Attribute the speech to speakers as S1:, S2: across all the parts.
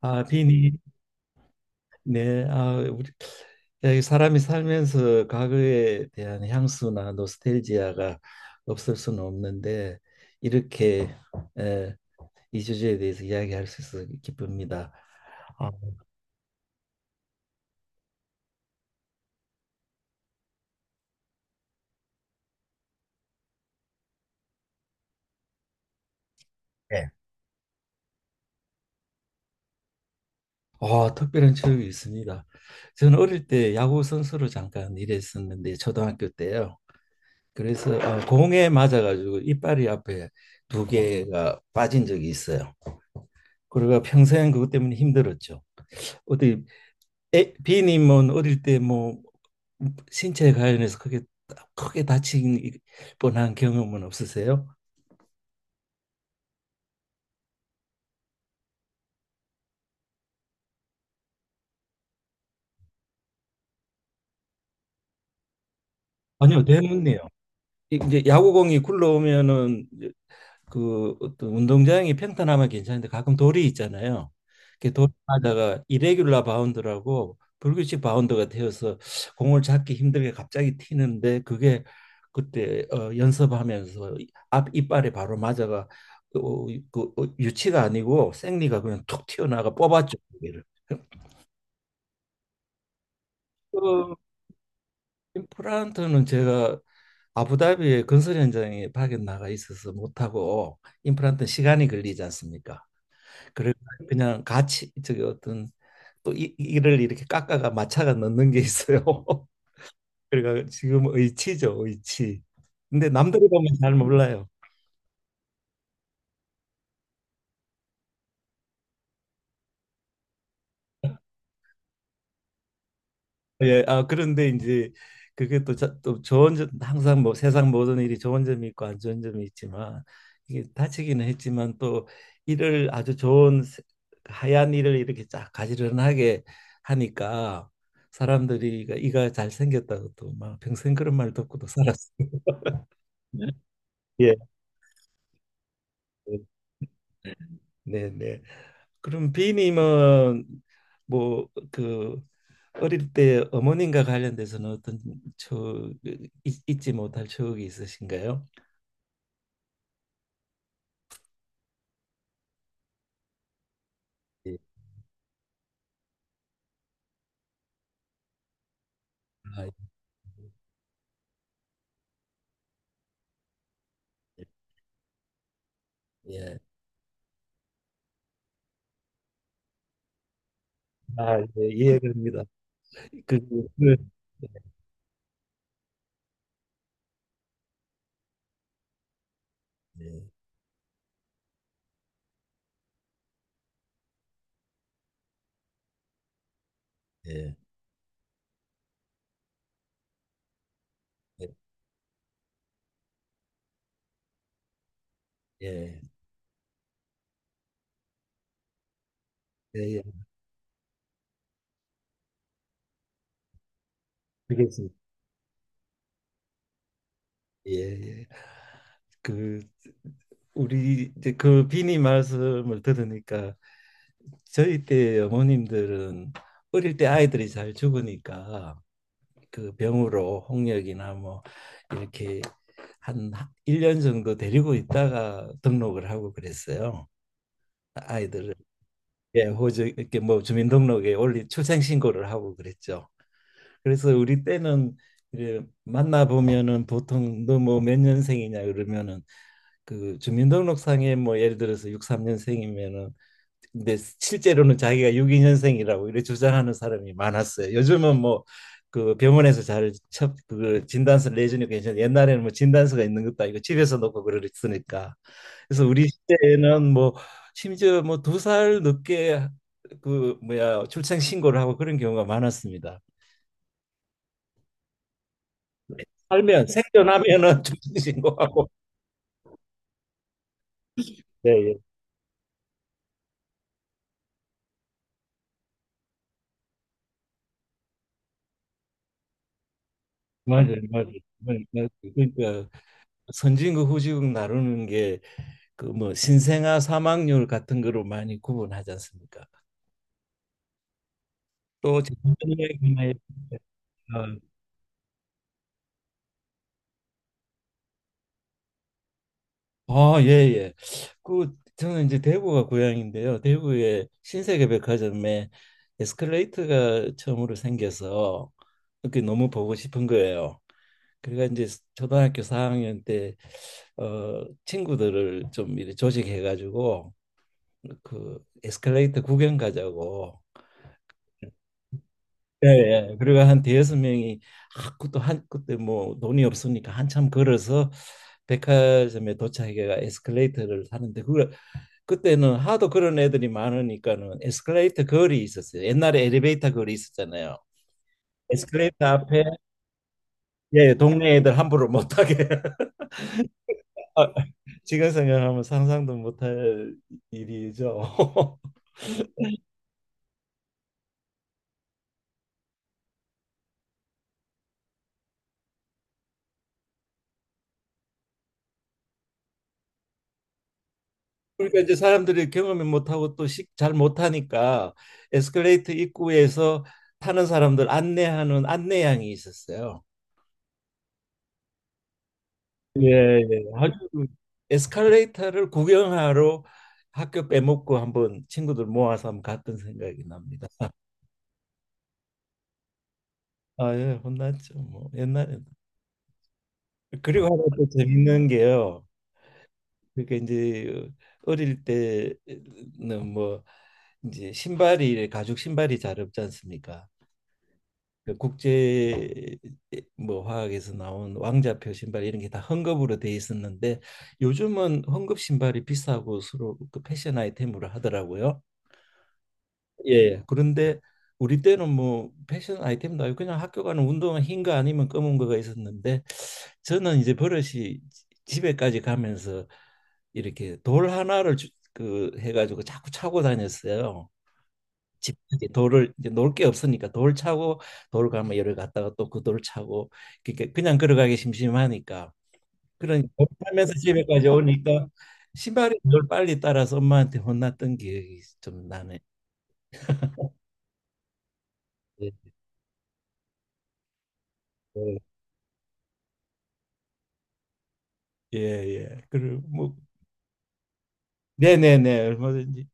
S1: 비니, 네, 우리 사람이 살면서 과거에 대한 향수나 노스텔지아가 없을 수는 없는데 이렇게 에, 이 주제에 대해서 이야기할 수 있어서 기쁩니다. 아, 네. 특별한 추억이 있습니다. 저는 어릴 때 야구 선수로 잠깐 일했었는데 초등학교 때요. 그래서 공에 맞아가지고 이빨이 앞에 두 개가 빠진 적이 있어요. 그리고 평생 그것 때문에 힘들었죠. 어디 비님은 어릴 때 뭐 신체에 관련해서 크게 다친 뻔한 경험은 없으세요? 아니요, 대문네요. 이제 야구공이 굴러오면은 그 어떤 운동장이 평탄하면 괜찮은데 가끔 돌이 있잖아요. 그돌맞아가 이레귤라 바운드라고 불규칙 바운드가 되어서 공을 잡기 힘들게 갑자기 튀는데 그게 그때 연습하면서 앞 이빨에 바로 맞아가 그, 어, 유치가 아니고 생리가 그냥 툭 튀어나가 뽑았죠. 그기를. 그 임플란트는 제가 아부다비의 건설 현장에 파견 나가 있어서 못하고 임플란트 시간이 걸리지 않습니까? 그래 그냥 같이 저기 어떤 또 이를 이렇게 깎아가 마차가 넣는 게 있어요. 그러니까 지금 의치죠, 의치. 근데 남들이 보면 잘 몰라요. 예, 그런데 이제 그게 또, 또 좋은 점 항상 뭐 세상 모든 일이 좋은 점이 있고 안 좋은 점이 있지만 이게 다치기는 했지만 또 이를 아주 하얀 이를 이렇게 쫙 가지런하게 하니까 사람들이 이가 잘 생겼다고 또 막 평생 그런 말 듣고도 살았어요. 예, 네, 네. 그럼 비님은 뭐 그 어릴 때 어머님과 관련돼서는 어떤 추억 잊지 못할 추억이 있으신가요? 예. 아, 예. 예. 아, 예, 이해됩니다. 그, 그 예. 예. 예. 예. 예, 예, 알겠습니다. 예, 예. 그 우리 이제 그 비니 말씀을 들으니까 저희 때 어머님들은 어릴 때 아이들이 잘 죽으니까 그 병으로 홍역이나 뭐 이렇게 한 1년 정도 데리고 있다가 등록을 하고 그랬어요. 아이들을 예, 호주 이렇게 뭐 주민등록에 올리 출생 신고를 하고 그랬죠. 그래서 우리 때는 이제 만나 보면은 보통 너 뭐 몇 년생이냐 그러면은 그 주민등록상에 뭐 예를 들어서 63년생이면은 근데 실제로는 자기가 62년생이라고 이렇게 주장하는 사람이 많았어요. 요즘은 뭐 그 병원에서 그 진단서 내주니까 괜찮은데 옛날에는 뭐 진단서가 있는 것도 아니고 집에서 놓고 그랬으니까. 그래서 우리 시대에는 뭐 심지어 뭐 두 살 늦게 그 뭐야 출생 신고를 하고 그런 경우가 많았습니다. 살면 생존하면은 출생 신고하고. 네, 예. 맞아요, 맞아요. 맞아요. 그러니까 선진국 후진국 나누는 게 그 뭐 신생아 사망률 같은 거로 많이 구분하지 않습니까? 또재 예, 예. 그 저는 이제 대구가 고향인데요. 대구의 신세계 백화점에 에스컬레이터가 처음으로 생겨서 그게 너무 보고 싶은 거예요. 그래가 이제 초등학교 4학년 때 친구들을 좀 이렇게 조직해 가지고 그 에스컬레이터 구경 가자고 예, 예. 그리고 한 대여섯 명이 그것도 한 그때 뭐 돈이 없으니까 한참 걸어서 백화점에 도착해가 에스컬레이터를 타는데 그걸 그때는 하도 그런 애들이 많으니까는 에스컬레이터 거리 있었어요. 옛날에 엘리베이터 거리 있었잖아요. 에스컬레이터 앞에 예, 동네 애들 함부로 못 타게. 아, 지금 생각하면 상상도 못할 일이죠. 그러니까 이제 사람들이 경험을 못하고 또 잘 못하니까 에스컬레이터 입구에서 타는 사람들 안내하는 안내양이 있었어요. 예, 예. 아주 에스컬레이터를 구경하러 학교 빼먹고 한번 친구들 모아서 한번 갔던 생각이 납니다. 아, 예, 혼났죠. 뭐 옛날에. 그리고 하나 또 재밌는 게요. 그러니까 이제 어릴 때는 뭐 이제 신발이 가죽 신발이 잘 없지 않습니까? 그 국제 뭐 화학에서 나온 왕자표 신발 이런 게 다 헝겊으로 돼 있었는데 요즘은 헝겊 신발이 비싸고 서로 그 패션 아이템으로 하더라고요. 예. 그런데 우리 때는 뭐 패션 아이템도 아니고 그냥 학교 가는 운동화 흰 거 아니면 검은 거가 있었는데 저는 이제 버릇이 집에까지 가면서 이렇게 돌 하나를 그 해가지고 자꾸 차고 다녔어요. 집 이제 돌을 이제 놓을 게 없으니까 돌 차고 돌 가면 열을 갔다가 또 그 돌 차고 그러니까 그냥 걸어가기 심심하니까 그런 돌 타면서 집에까지 오니까 신발이 늘 빨리 따라서 엄마한테 혼났던 기억이 좀 나네. 예, 예. 예. 예, 예. 그리고 뭐 네네네 얼마든지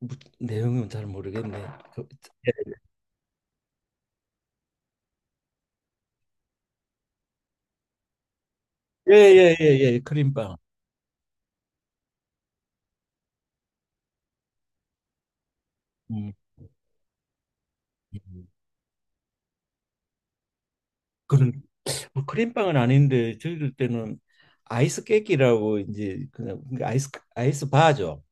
S1: 뭐, 내용은 잘 모르겠네. 그, 예, 예, 예, 예, 예, 크림빵. 음. 음. 그런 뭐 크림빵은 아닌데 저희들 때는 아이스 깨끼라고 이제 그냥 그러니까 아이스 바죠.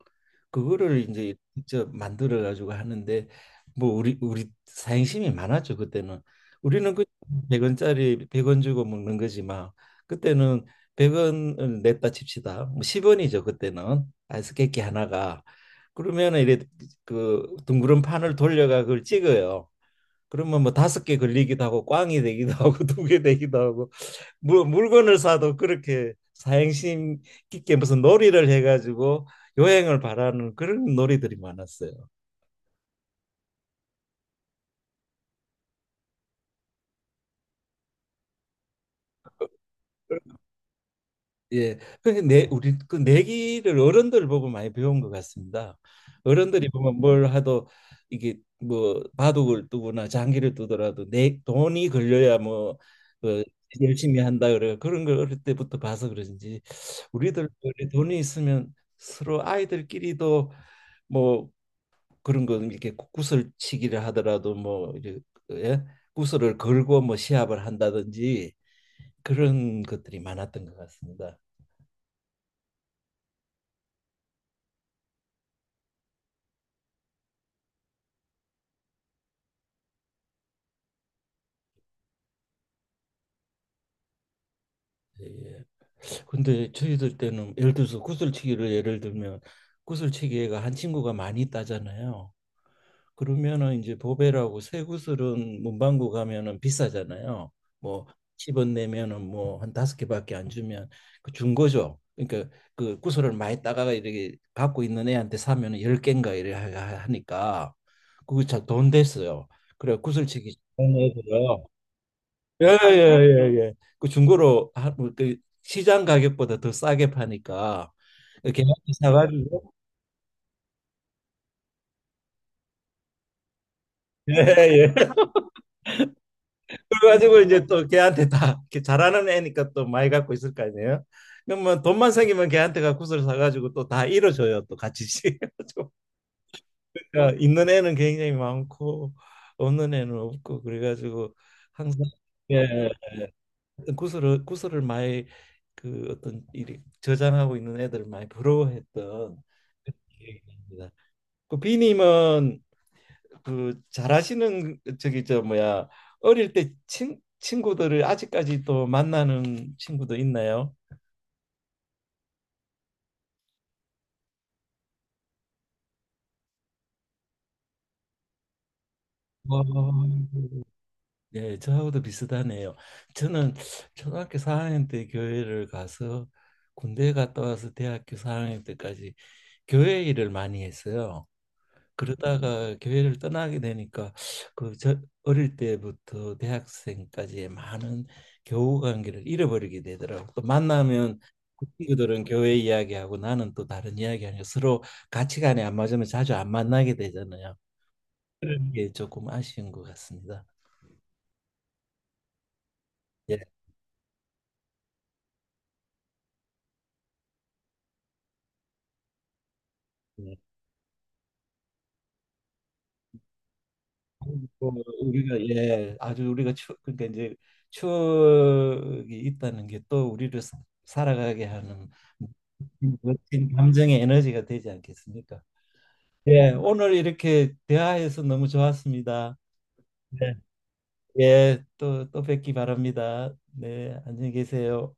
S1: 그거를 이제 직접 만들어 가지고 하는데 뭐 우리 사행심이 많았죠 그때는. 우리는 그 100원짜리 100원 주고 먹는 거지만 그때는 100원을 냈다 칩시다. 뭐 10원이죠 그때는 아이스 깨끼 하나가. 그러면은 이래 그 둥그런 판을 돌려가 그걸 찍어요. 그러면 뭐 다섯 개 걸리기도 하고 꽝이 되기도 하고 두 개 되기도 하고 물건을 사도 그렇게 사행심 깊게 무슨 놀이를 해가지고 요행을 바라는 그런 놀이들이 많았어요. 예, 근데 내 우리 그 내기를 어른들 보고 많이 배운 것 같습니다. 어른들이 보면 뭘 하도 이게 뭐 바둑을 두거나 장기를 두더라도 내 돈이 걸려야 뭐 어, 열심히 한다 그래 그런 걸 어릴 때부터 봐서 그런지 우리들 돈이 있으면 서로 아이들끼리도 뭐 그런 거 이렇게 슬치기를 하더라도 뭐 이제 예? 구슬을 걸고 뭐 시합을 한다든지 그런 것들이 많았던 것 같습니다. 예. 예. 근데 저희들 때는 예를 들어서 구슬치기를 예를 들면 구슬치기가 한 친구가 많이 따잖아요. 그러면은 이제 보배라고 쇠구슬은 문방구 가면은 비싸잖아요. 뭐 10원 내면은 뭐 한 다섯 개밖에 안 주면 그 중고죠. 그러니까 그 구슬을 많이 따가가 이렇게 갖고 있는 애한테 사면은 열개인가 이래 하니까 그거 잘돈 됐어요. 그래 구슬치기 좋은 애들은 예예예예 그 중고로 뭐 그 시장 가격보다 더 싸게 파니까 걔한테 사가지고 예예 그래가지고 이제 또 걔한테 다 이렇게 잘하는 애니까 또 많이 갖고 있을 거 아니에요. 그러면 돈만 생기면 걔한테 가구슬 사가지고 또 다 잃어줘요. 또 같이 그가지고 그러니까 있는 애는 굉장히 많고 없는 애는 없고 그래가지고 항상 예 구슬을 많이 그 어떤 일이 저장하고 있는 애들을 많이 부러워했던 기억이 납니다. 그 비님은 그 잘하시는 저기 저 뭐야 어릴 때 친구들을 아직까지도 만나는 친구도 있나요? 와, 네, 저하고도 비슷하네요. 저는 초등학교 4학년 때 교회를 가서 군대 갔다 와서 대학교 4학년 때까지 교회 일을 많이 했어요. 그러다가 교회를 떠나게 되니까 그 저 어릴 때부터 대학생까지의 많은 교우 관계를 잃어버리게 되더라고. 또 만나면 그 친구들은 교회 이야기하고 나는 또 다른 이야기하니까 서로 가치관이 안 맞으면 자주 안 만나게 되잖아요. 그런 게 조금 아쉬운 것 같습니다. 예. 예. 뭐 우리가 예 아주 우리가 추 그러니까 이제 추억이 있다는 게 또 우리를 살아가게 하는 멋진 감정의 에너지가 되지 않겠습니까? 예, 오늘 이렇게 대화해서 너무 좋았습니다. 네. 예, 또 뵙기 바랍니다. 네, 안녕히 계세요.